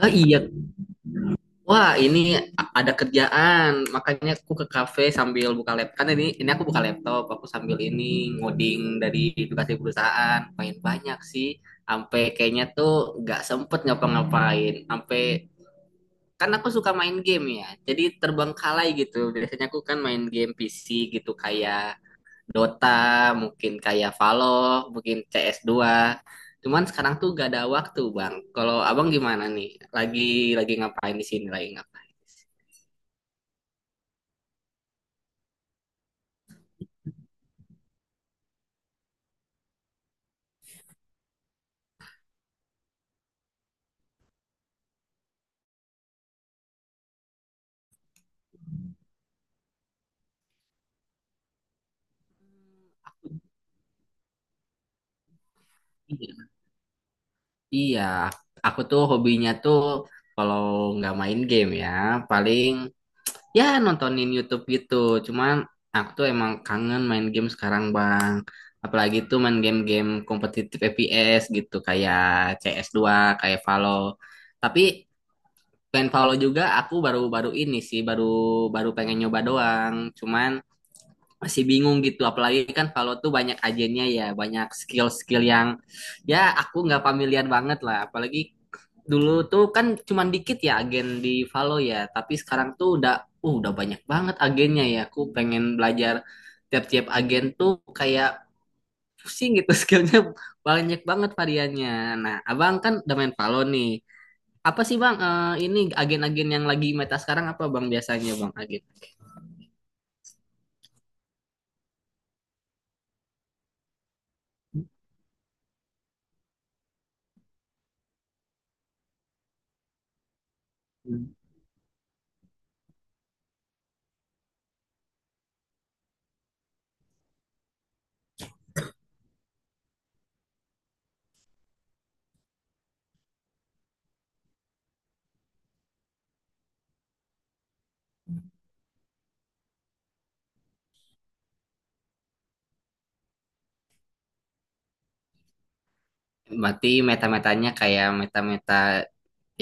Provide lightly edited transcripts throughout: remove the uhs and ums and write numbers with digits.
Oh iya, wah ini ada kerjaan, makanya aku ke kafe sambil buka laptop. Kan ini aku buka laptop, aku sambil ini ngoding dari tugas di perusahaan. Main banyak sih, sampai kayaknya tuh nggak sempet ngapa-ngapain. Sampai kan aku suka main game ya, jadi terbengkalai gitu. Biasanya aku kan main game PC gitu kayak Dota, mungkin kayak Valor, mungkin CS2. Cuman sekarang tuh gak ada waktu, Bang. Kalau Abang gimana nih? Lagi lagi ngapain di sini? Lagi ngapain di sini? Iya, iya, aku tuh hobinya tuh kalau nggak main game ya, paling ya nontonin YouTube gitu. Cuman aku tuh emang kangen main game sekarang, Bang. Apalagi tuh main game-game kompetitif FPS gitu kayak CS2, kayak Valor. Tapi selain Paulo juga aku baru-baru ini sih baru baru pengen nyoba doang. Cuman masih bingung gitu, apalagi kan Paulo tuh banyak agennya ya, banyak skill-skill yang ya aku nggak familiar banget lah. Apalagi dulu tuh kan cuman dikit ya agen di Valo ya, tapi sekarang tuh udah banyak banget agennya ya. Aku pengen belajar tiap-tiap agen tuh kayak pusing gitu skillnya banyak banget variannya. Nah, abang kan udah main Valo nih. Apa sih Bang, ini agen-agen yang lagi meta sekarang apa Bang biasanya Bang agen? Hmm. Berarti meta-metanya kayak meta-meta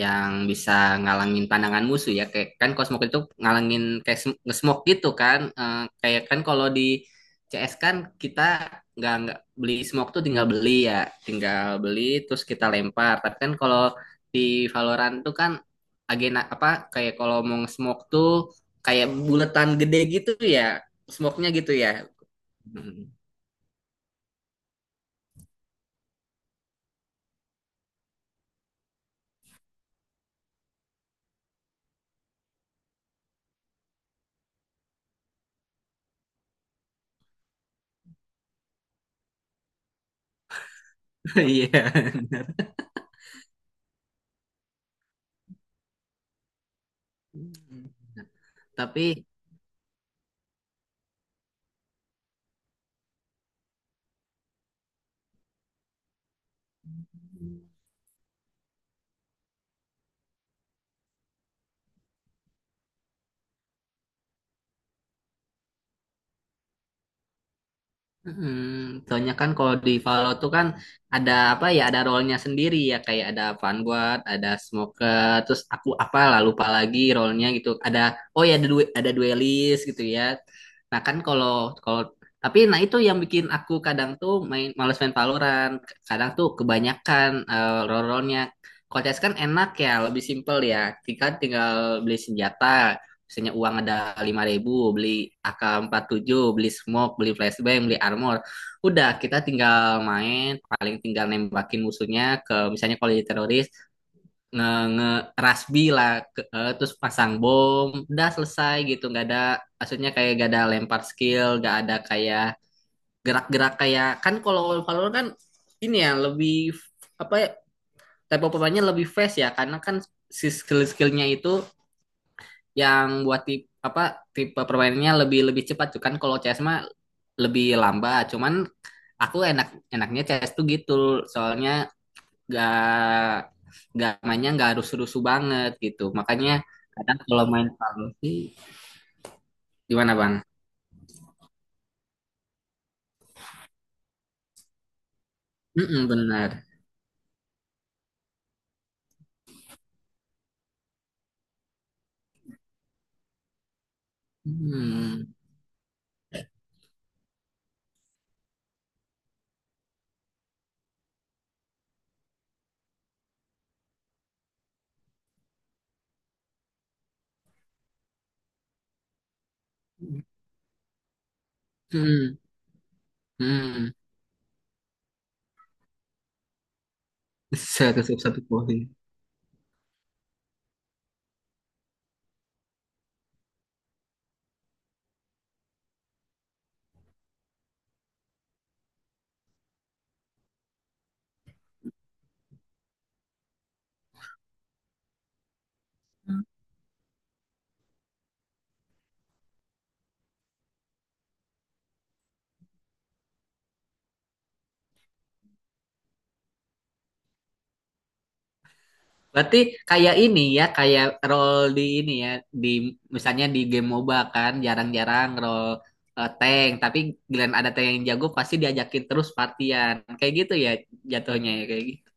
yang bisa ngalangin pandangan musuh ya. Kayak kan Cosmo itu ngalangin kayak nge-smoke gitu kan. Eh, kayak kan kalau di CS kan kita nggak beli smoke tuh tinggal beli ya, tinggal beli terus kita lempar. Tapi kan kalau di Valorant tuh kan agena apa kayak kalau mau nge-smoke tuh kayak buletan gede gitu ya, smoke-nya gitu ya. Iya. Tapi, soalnya kan kalau di Valor tuh kan ada apa ya, ada role-nya sendiri ya kayak ada Vanguard, ada Smoker, terus aku apa lah lupa lagi role-nya gitu. Ada, oh ya, ada duelist gitu ya. Nah kan kalau kalau tapi nah itu yang bikin aku kadang tuh main males main Valorant. Kadang tuh kebanyakan, role-role-nya. Kalau CS kan enak ya, lebih simpel ya. Tinggal tinggal beli senjata, misalnya uang ada 5.000, beli AK-47, beli smoke, beli flashbang, beli armor, udah kita tinggal main, paling tinggal nembakin musuhnya, ke misalnya kalau jadi teroris nge, nge rasbi lah, terus pasang bom udah selesai gitu, nggak ada, maksudnya kayak gak ada lempar skill, nggak ada kayak gerak-gerak, kayak kan kalau Valorant kan ini ya lebih apa ya, type of weaponnya lebih fast ya, karena kan si skill-skillnya itu yang buat tipe apa tipe permainannya lebih lebih cepat tuh. Kan kalau CS mah lebih lambat, cuman aku enak, enaknya CS tuh gitu soalnya gak gak mainnya gak harus rusuh banget gitu, makanya kadang kalau main Valor sih, gimana bang? Mm, benar. Hmm. Hmm. Hmm. 101 poin. Berarti kayak ini ya, kayak role di ini ya, di misalnya di game MOBA kan jarang-jarang role, tank, tapi giliran ada tank yang jago pasti diajakin terus partian. Kayak gitu ya, jatuhnya ya kayak gitu.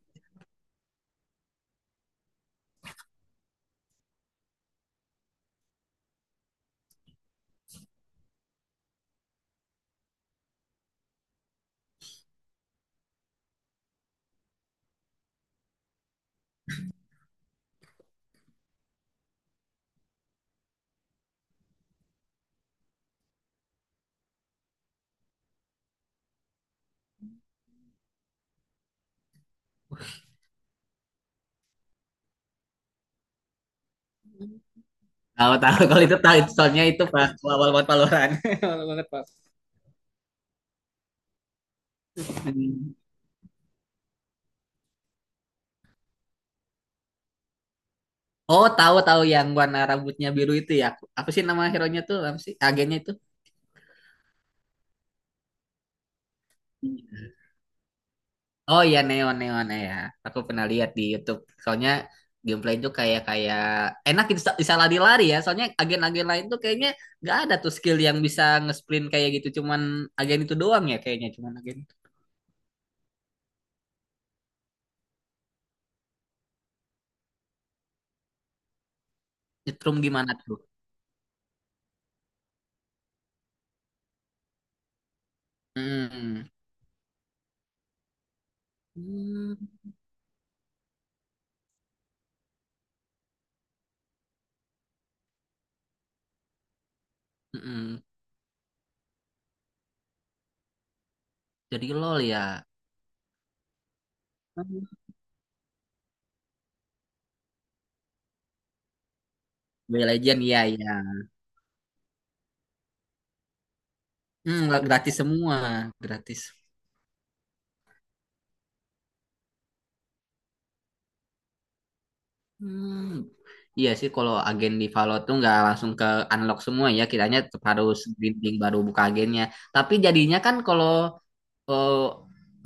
Tahu tahu kalau itu tahu, soalnya itu pas awal banget Valorant. Awal banget Pak. Hmm. Oh, tahu tahu yang warna rambutnya biru itu ya. Apa sih nama hero-nya tuh? Apa sih agennya itu? Oh iya, Neon Neon ya. Aku pernah lihat di YouTube. Soalnya gameplay itu kayak kayak enak, bisa lari-lari ya. Soalnya agen-agen lain tuh kayaknya nggak ada tuh skill yang bisa nge-sprint kayak gitu. Cuman agen itu doang ya kayaknya. Cuman agen, nyetrum gimana tuh? Hmm. Hmm. Hmm. Jadi LOL ya. Hmm. Mobile Legend, iya iya. Gratis semua, gratis. Hmm, Iya sih, kalau agen di Valo tuh nggak langsung ke unlock semua ya, kiranya tetap harus grinding baru buka agennya. Tapi jadinya kan kalau, eh,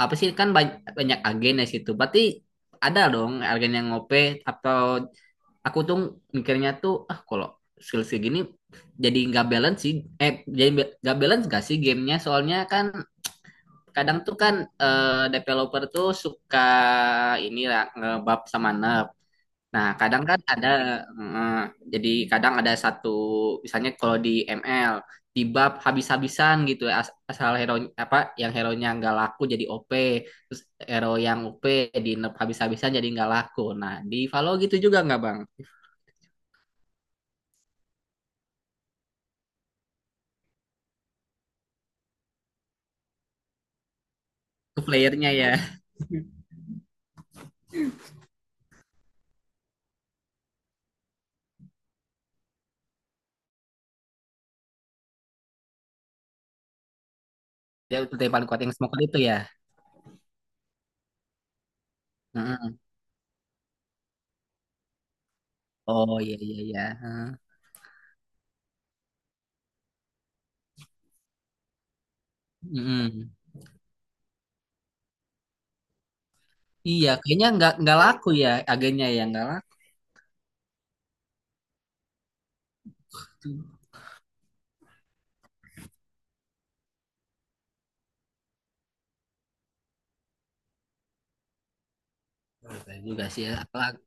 apa sih kan, banyak agen di situ. Berarti ada dong agen yang ngope, atau aku tuh mikirnya tuh ah kalau skill segini jadi nggak balance sih. Eh jadi nggak balance gak sih gamenya? Soalnya kan kadang tuh kan, developer tuh suka ini lah ngebab sama nerf. Nah, kadang kan ada, eh, jadi kadang ada satu, misalnya kalau di ML, di bab habis-habisan gitu, asal hero apa yang hero-nya nggak laku jadi OP, terus hero yang OP di nerf habis-habisan jadi nggak laku. Nah, di Valo gitu juga nggak bang? Ke playernya ya, dia udah yang paling kuat yang smoker itu ya. Heeh. Oh iya iya iya. Heeh. Mm-mm. Iya, kayaknya nggak laku ya agennya ya nggak laku. Bener juga sih ya, apalagi.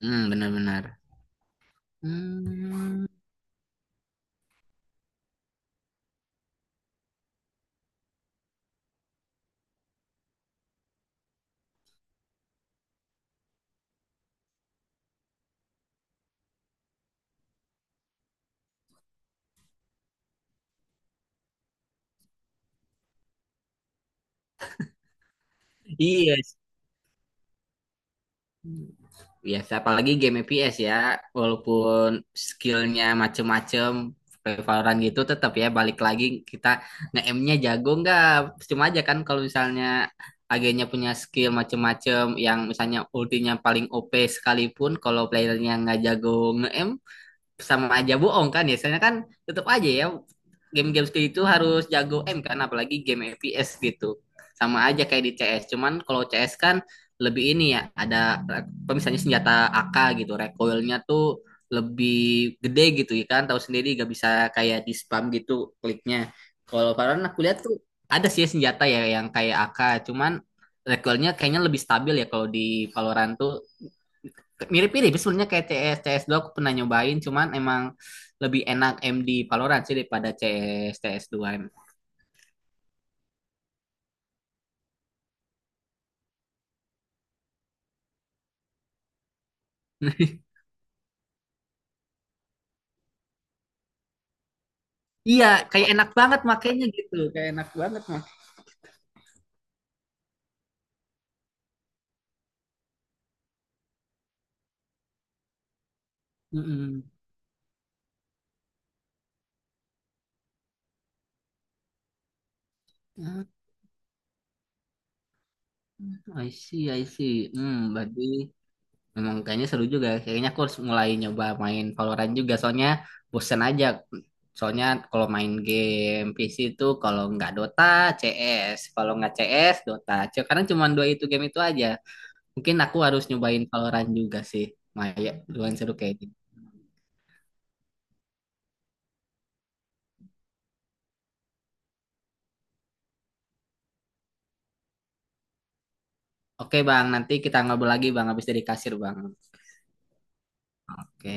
Benar-benar. Hmm, iya, biasa, apalagi game FPS ya, walaupun skillnya macem-macem, kayak Valorant gitu tetap ya balik lagi kita nge-aimnya jago nggak? Cuma aja kan kalau misalnya agennya punya skill macem-macem yang misalnya ultinya paling OP sekalipun, kalau playernya nggak jago nge-aim sama aja bohong kan ya. Soalnya kan tetap aja ya game-game seperti itu harus jago kan, apalagi game FPS gitu. Sama aja kayak di CS. Cuman kalau CS kan lebih ini ya, ada misalnya senjata AK gitu recoilnya tuh lebih gede gitu ya, kan tahu sendiri gak bisa kayak di spam gitu kliknya. Kalau Valorant aku lihat tuh ada sih senjata ya yang kayak AK cuman recoilnya kayaknya lebih stabil ya, kalau di Valorant tuh mirip-mirip sebenarnya kayak CS cs dua aku pernah nyobain, cuman emang lebih enak MD Valorant sih daripada CS2 emang. Iya, kayak enak banget makanya gitu, kayak enak banget mah. Mm-mm. Ah, I see, I see. Berarti memang kayaknya seru juga. Kayaknya aku harus mulai nyoba main Valorant juga soalnya bosen aja. Soalnya kalau main game PC itu, kalau nggak Dota, CS. Kalau nggak CS, Dota. Sekarang cuma dua itu game itu aja. Mungkin aku harus nyobain Valorant juga sih. Maya, lumayan seru kayaknya. Oke Bang, nanti kita ngobrol lagi Bang, habis dari kasir Bang. Oke.